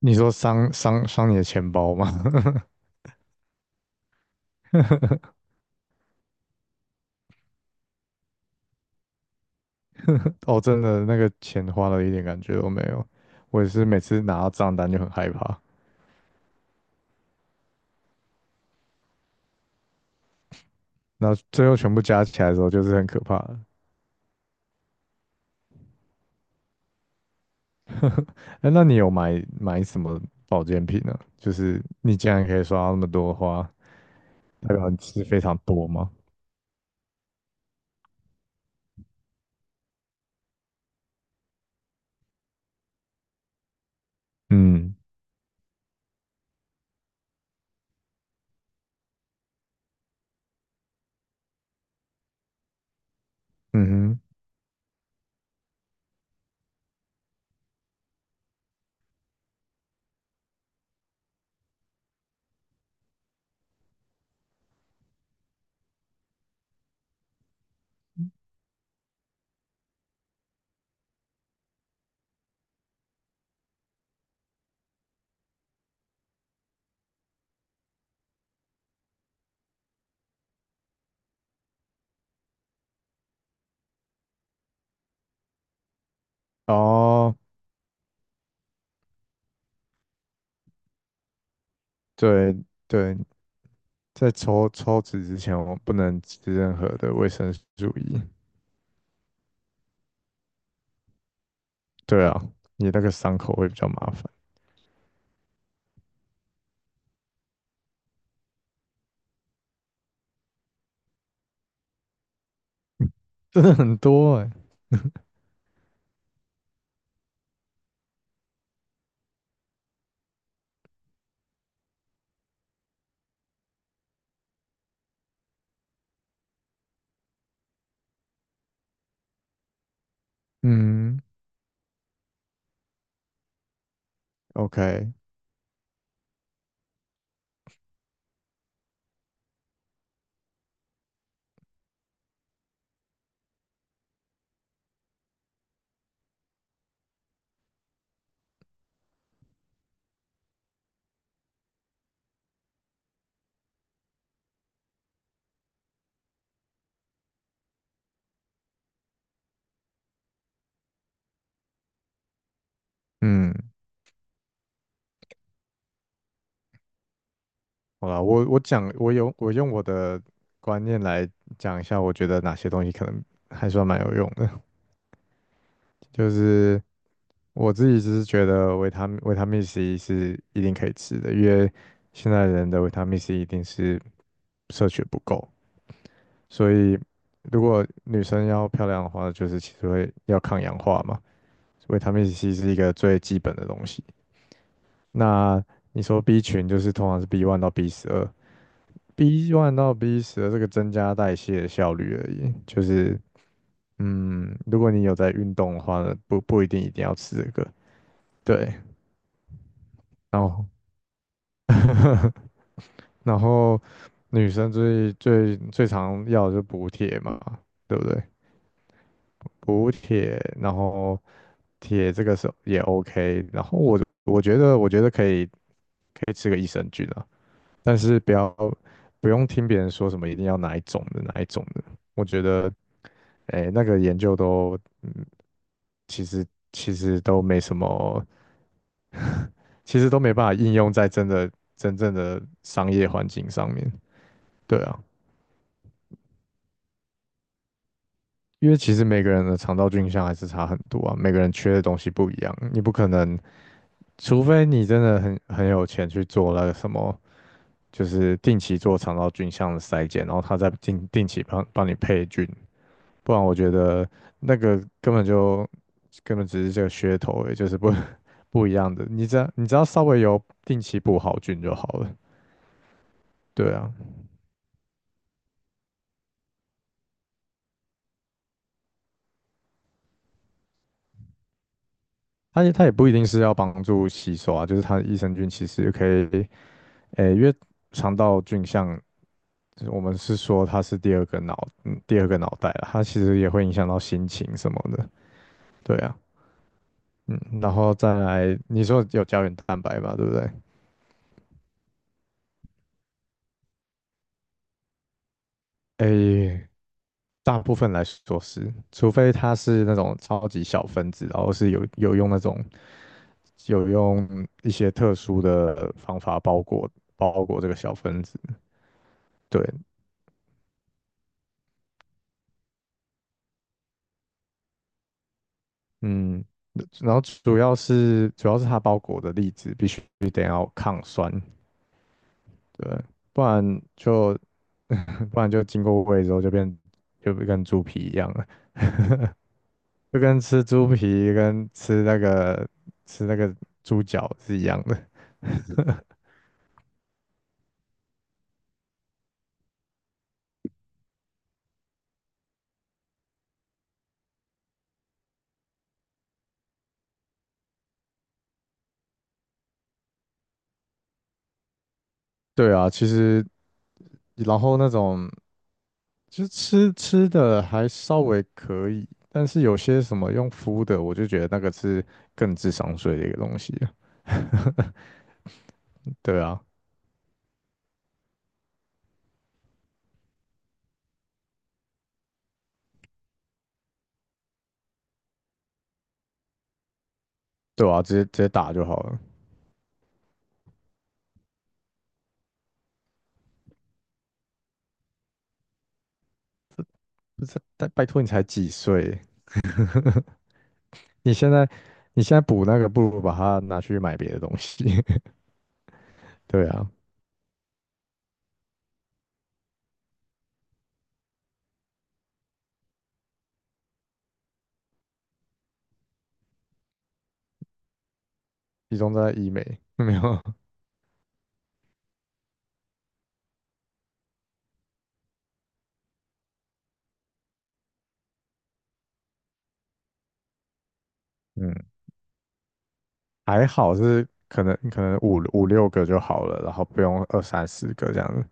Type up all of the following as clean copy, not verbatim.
你说伤你的钱包吗？哦，真的，那个钱花了一点感觉都没有。我也是每次拿到账单就很害怕，那最后全部加起来的时候就是很可怕的。哎那你有买什么保健品呢？就是你竟然可以刷到那么多的话，代表你吃非常多吗？嗯嗯哼，哦，对对，在抽脂之前，我不能吃任何的维生素 E。对啊，你那个伤口会比较麻烦。真的很多哎、嗯？OK，嗯，好啦，我讲，我用我的观念来讲一下，我觉得哪些东西可能还算蛮有用的。就是我自己只是觉得维他命 C 是一定可以吃的，因为现在人的维他命 C 一定是摄取不够，所以如果女生要漂亮的话，就是其实会要抗氧化嘛，维他命 C 是一个最基本的东西。那你说 B 群就是通常是 B one 到 B12，B1 到 B 十二这个增加代谢的效率而已，就是嗯，如果你有在运动的话呢，不一定要吃这个，对，然后 然后女生最最最常要的就是补铁嘛，对不对？补铁，然后铁这个是也 OK，然后我觉得可以吃个益生菌啊。但是不用听别人说什么一定要哪一种的哪一种的，我觉得哎，那个研究都其实其实都没什么，其实都没办法应用在真正的商业环境上面。对啊，因为其实每个人的肠道菌相还是差很多啊，每个人缺的东西不一样，你不可能，除非你真的很有钱去做那个什么，就是定期做肠道菌相的筛检，然后他再定期帮你配菌，不然我觉得那个根本只是这个噱头而已，就是不 不一样的。你只要稍微有定期补好菌就好了。对啊，它也不一定是要帮助吸收啊，就是它益生菌其实可以，诶、因为肠道菌像我们是说它是第二个脑，第二个脑袋啊，它其实也会影响到心情什么的。对啊，嗯，然后再来，你说有胶原蛋白吧，对不对？诶、大部分来说是，除非它是那种超级小分子，然后是有用一些特殊的方法包裹这个小分子。对，嗯，然后主要是它包裹的粒子必须得要抗酸，对，不然就 不然就经过胃之后就跟猪皮一样了，就跟吃猪皮跟吃那个猪脚是一样的。对啊，其实然后那种就吃的还稍微可以，但是有些什么用敷的，我就觉得那个是更智商税的一个东西了。对啊，对啊，直接打就好了。但拜托你才几岁，你现在你现在补那个，不如把它拿去买别的东西。对啊，集中在医美，没有，嗯，还好是可能五六个就好了，然后不用二三十个这样子，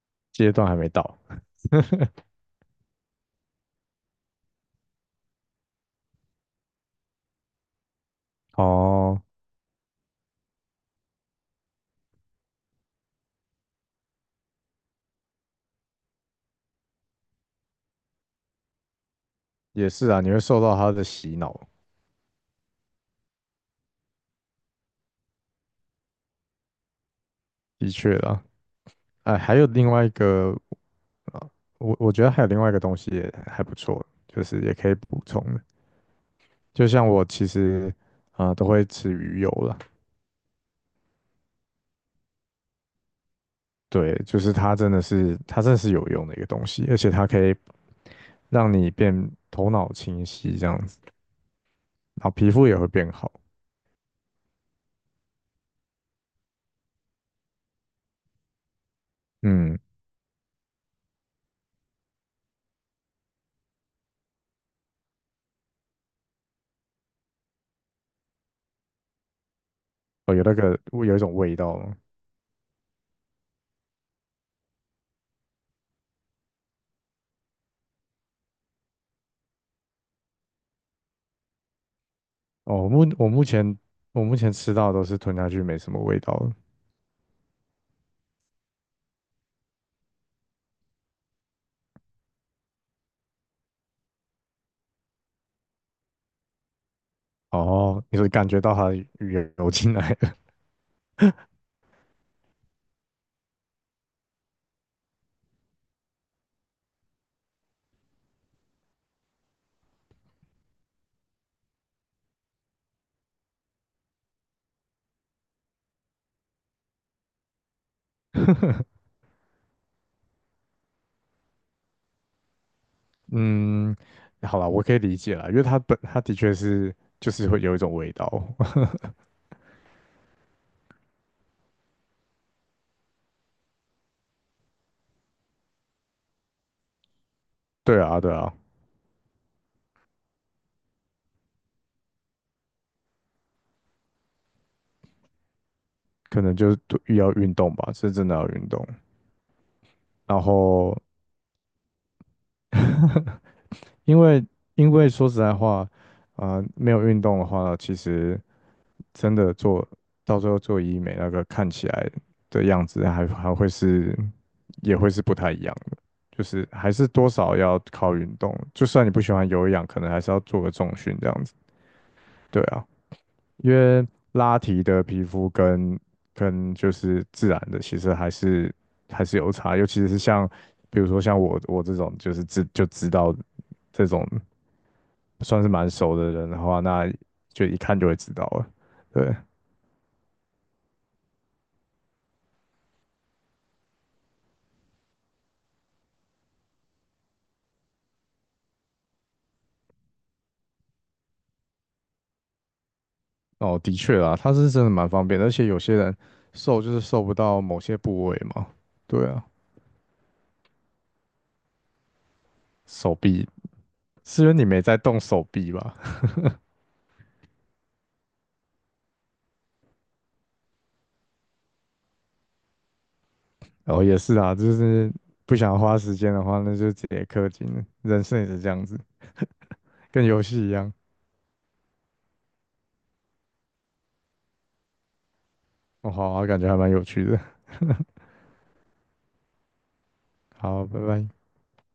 阶段还没到。哦，也是啊，你会受到他的洗脑，的确啦。哎，还有另外一个啊，我觉得还有另外一个东西也还不错，就是也可以补充的。就像我其实啊、都会吃鱼油啦，对，就是它真的是有用的一个东西，而且它可以让你变头脑清晰这样子，然后皮肤也会变好。嗯，哦，有那个有一种味道吗？哦，我目前吃到的都是吞下去没什么味道的，哦，你会感觉到它的语言流进来了 嗯，好啦，我可以理解啦，因为它的确是就是会有一种味道。对啊，对啊，可能就是多要运动吧，是真的要运动。然后，因为因为说实在话，啊、没有运动的话，其实真的做到最后做医美那个看起来的样子还也会是不太一样。就是还是多少要靠运动，就算你不喜欢有氧，可能还是要做个重训这样子。对啊，因为拉提的皮肤跟就是自然的，其实还是有差，尤其是像比如说像我这种就是就知道这种算是蛮熟的人的话，那就一看就会知道了。对，哦，的确啦，它是真的蛮方便的，而且有些人瘦就是瘦不到某些部位嘛。对啊，手臂是因为你没在动手臂吧？哦，也是啊，就是不想花时间的话，那就直接氪金了。人生也是这样子，跟游戏一样。哦，好啊，感觉还蛮有趣的。好，拜拜。